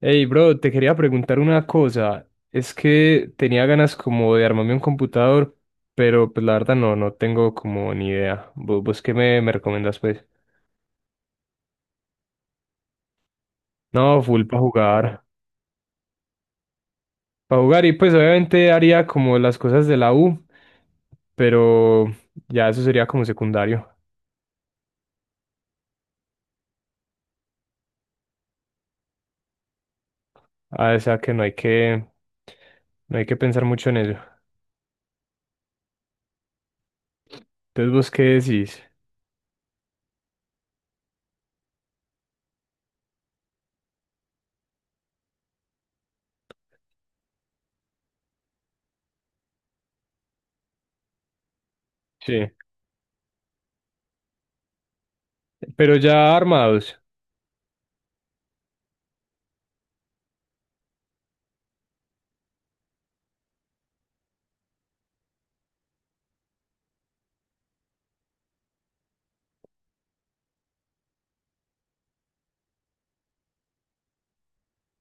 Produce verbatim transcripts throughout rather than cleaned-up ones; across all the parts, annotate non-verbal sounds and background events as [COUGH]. Hey, bro, te quería preguntar una cosa. Es que tenía ganas como de armarme un computador, pero pues la verdad no, no tengo como ni idea. ¿Vos, vos qué me, me recomendás, pues? No, full para jugar. Para jugar y pues obviamente haría como las cosas de la U, pero ya eso sería como secundario. Ah, o sea que no hay que, no hay que pensar mucho en eso. Entonces, ¿vos qué decís? Sí, pero ya armados,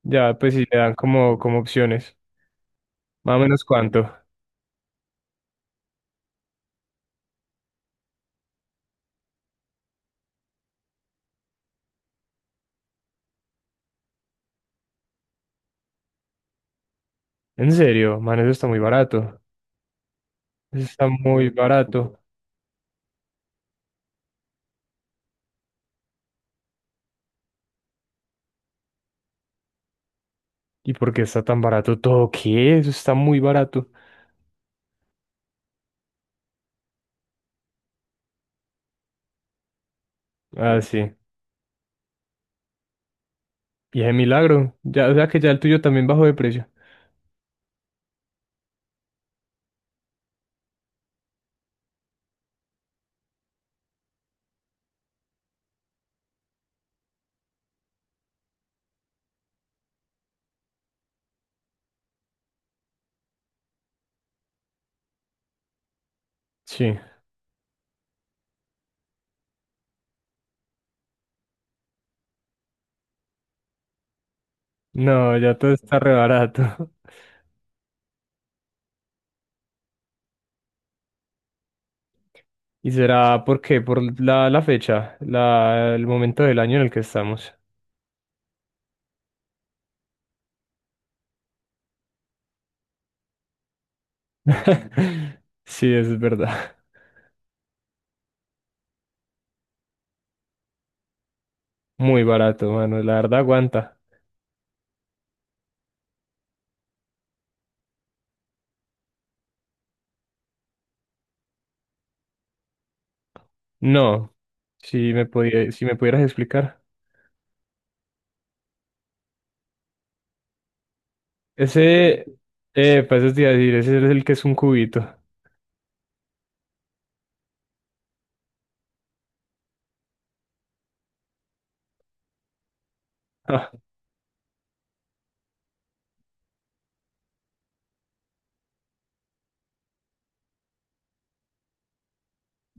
ya pues si le dan como, como opciones. Más o menos cuánto. En serio, man, eso está muy barato. Eso está muy barato. ¿Y por qué está tan barato todo? ¿Qué? Eso está muy barato. Ah, sí. Y es milagro. Ya, o sea que ya el tuyo también bajó de precio. Sí. No, ya todo está re barato. [LAUGHS] ¿Y será por qué? Por la, la fecha, la, el momento del año en el que estamos. [LAUGHS] Sí, eso es verdad. Muy barato, mano. La verdad aguanta. No. Si me podía, si me pudieras explicar. Ese, eh, pues eso decir, ese es el que es un cubito. [LAUGHS] Ah,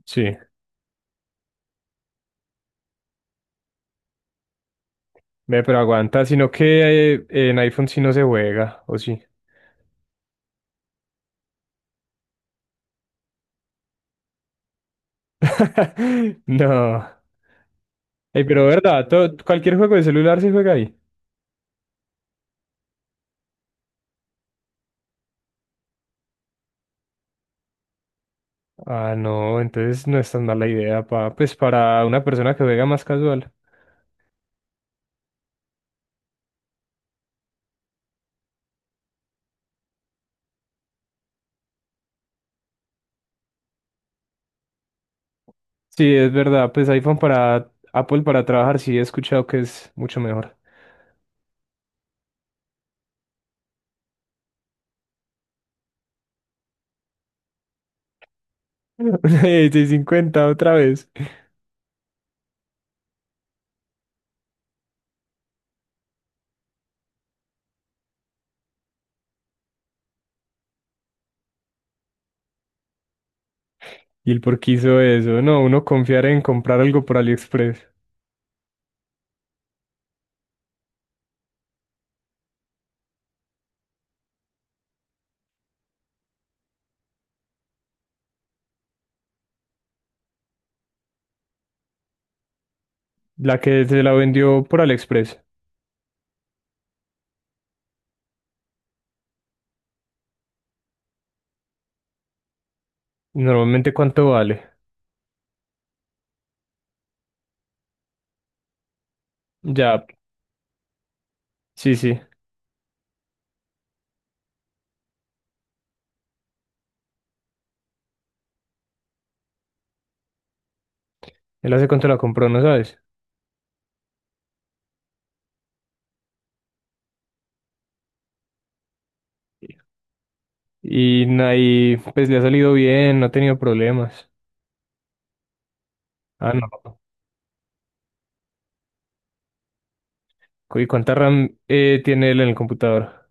sí, ve, pero aguanta, sino que eh, en iPhone sí no se juega, ¿o sí? [LAUGHS] No. Ey, pero verdad, todo- cualquier juego de celular se juega ahí. Ah, no, entonces no es tan mala idea pa, pues para una persona que juega más casual. Sí, es verdad, pues iPhone para Apple para trabajar sí he escuchado que es mucho mejor. [LAUGHS] Una cincuenta otra vez. ¿Y el por qué hizo eso? No, uno confiar en comprar algo por AliExpress. La que se la vendió por AliExpress. Normalmente, ¿cuánto vale? Ya, sí, sí. Él hace cuánto la compró, ¿no sabes? Y ahí, pues le ha salido bien, no ha tenido problemas. Ah, no. ¿Y cuánta RAM eh, tiene él en el computador?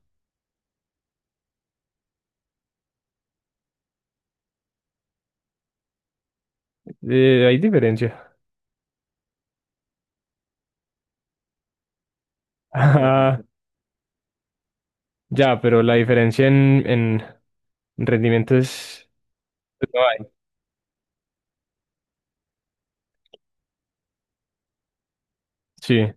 Eh, hay diferencia. [LAUGHS] Ah, ya, pero la diferencia en, en rendimiento es... pues, no hay. Sí, eh,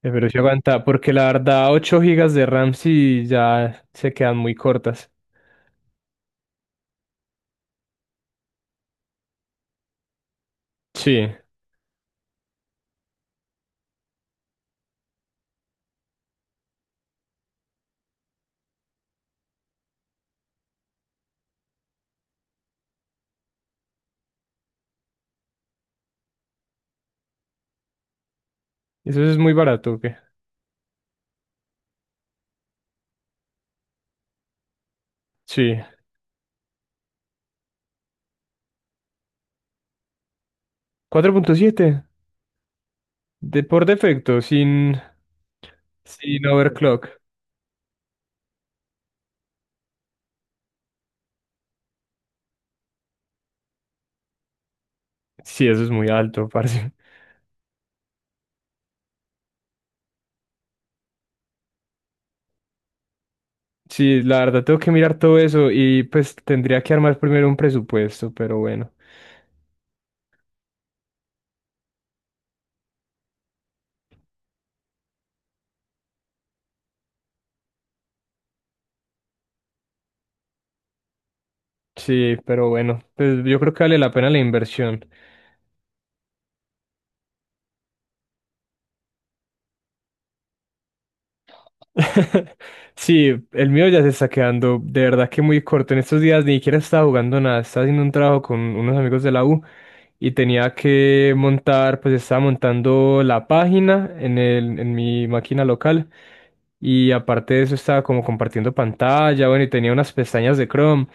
pero sí aguanta, porque la verdad ocho gigas de RAM sí ya se quedan muy cortas. Sí, eso es muy barato, ¿ok? Sí. Cuatro punto siete de por defecto, sin, sin overclock. Sí, eso es muy alto, [LAUGHS] parce. Sí, la verdad tengo que mirar todo eso y pues tendría que armar primero un presupuesto, pero bueno. Sí, pero bueno, pues yo creo que vale la pena la inversión. [LAUGHS] Sí, el mío ya se está quedando de verdad que muy corto. En estos días ni siquiera estaba jugando nada, estaba haciendo un trabajo con unos amigos de la U y tenía que montar, pues estaba montando la página en el, en mi máquina local y aparte de eso estaba como compartiendo pantalla, bueno, y tenía unas pestañas de Chrome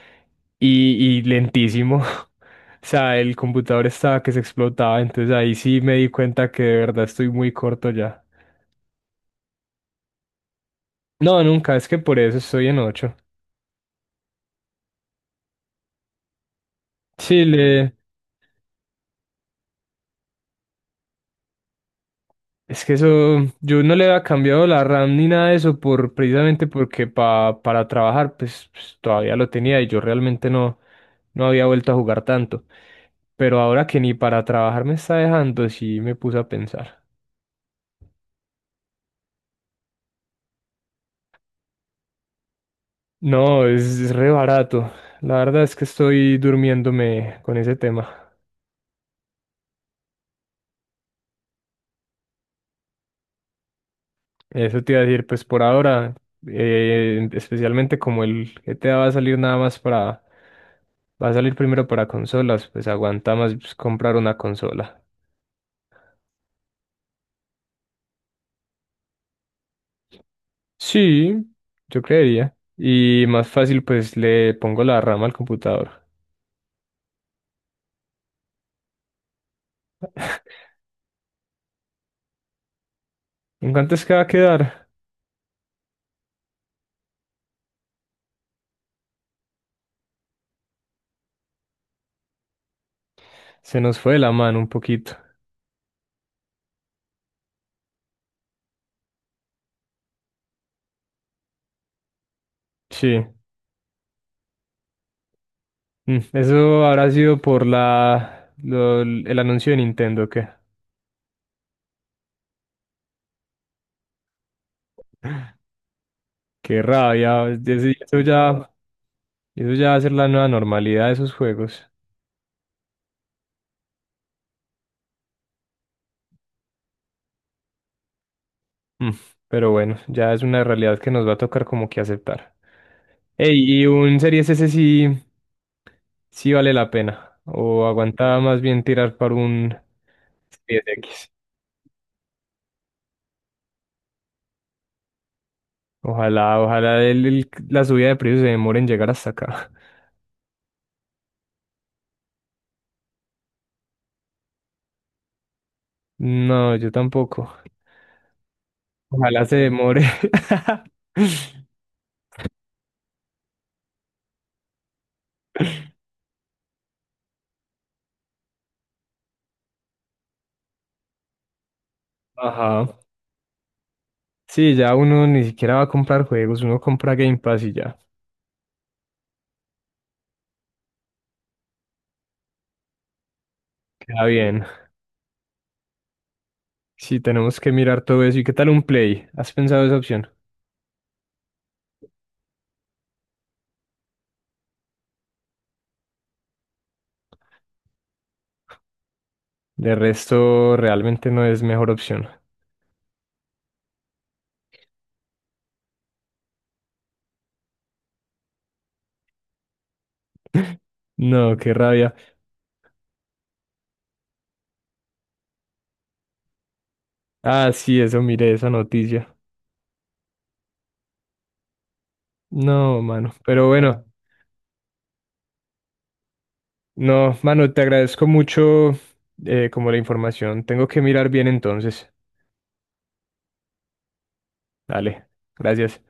y, y lentísimo. [LAUGHS] O sea, el computador estaba que se explotaba, entonces ahí sí me di cuenta que de verdad estoy muy corto ya. No, nunca, es que por eso estoy en ocho. Sí, le- es que eso, yo no le había cambiado la RAM ni nada de eso por, precisamente porque pa- para trabajar pues, pues, todavía lo tenía y yo realmente no, no había vuelto a jugar tanto. Pero ahora que ni para trabajar me está dejando, sí me puse a pensar. No, es, es re barato. La verdad es que estoy durmiéndome con ese tema. Eso te iba a decir, pues por ahora, eh, especialmente como el G T A va a salir nada más para... Va a salir primero para consolas, pues aguanta más pues, comprar una consola. Sí, yo creería. Y más fácil, pues le pongo la rama al computador. ¿En cuánto es que va a quedar? Se nos fue de la mano un poquito. Sí. Mm, eso habrá sido por la lo- el anuncio de Nintendo, que qué rabia. Eso eso ya, eso ya va a ser la nueva normalidad de esos juegos. Mm, pero bueno, ya es una realidad que nos va a tocar como que aceptar. Ey, y un Series S sí. Sí vale la pena. O aguantaba más bien tirar para un diez X. Ojalá, ojalá el- el- la subida de precios se demore en llegar hasta acá. [LAUGHS] No, yo tampoco. Ojalá se demore. [LAUGHS] Ajá. Sí, ya uno ni siquiera va a comprar juegos, uno compra Game Pass y ya. Queda bien. Sí, tenemos que mirar todo eso. ¿Y qué tal un Play? ¿Has pensado esa opción? De resto, realmente no es mejor opción. No, qué rabia. Ah, sí, eso, miré esa noticia. No, mano. Pero bueno, no, mano, te agradezco mucho eh, como la información. Tengo que mirar bien entonces. Dale, gracias.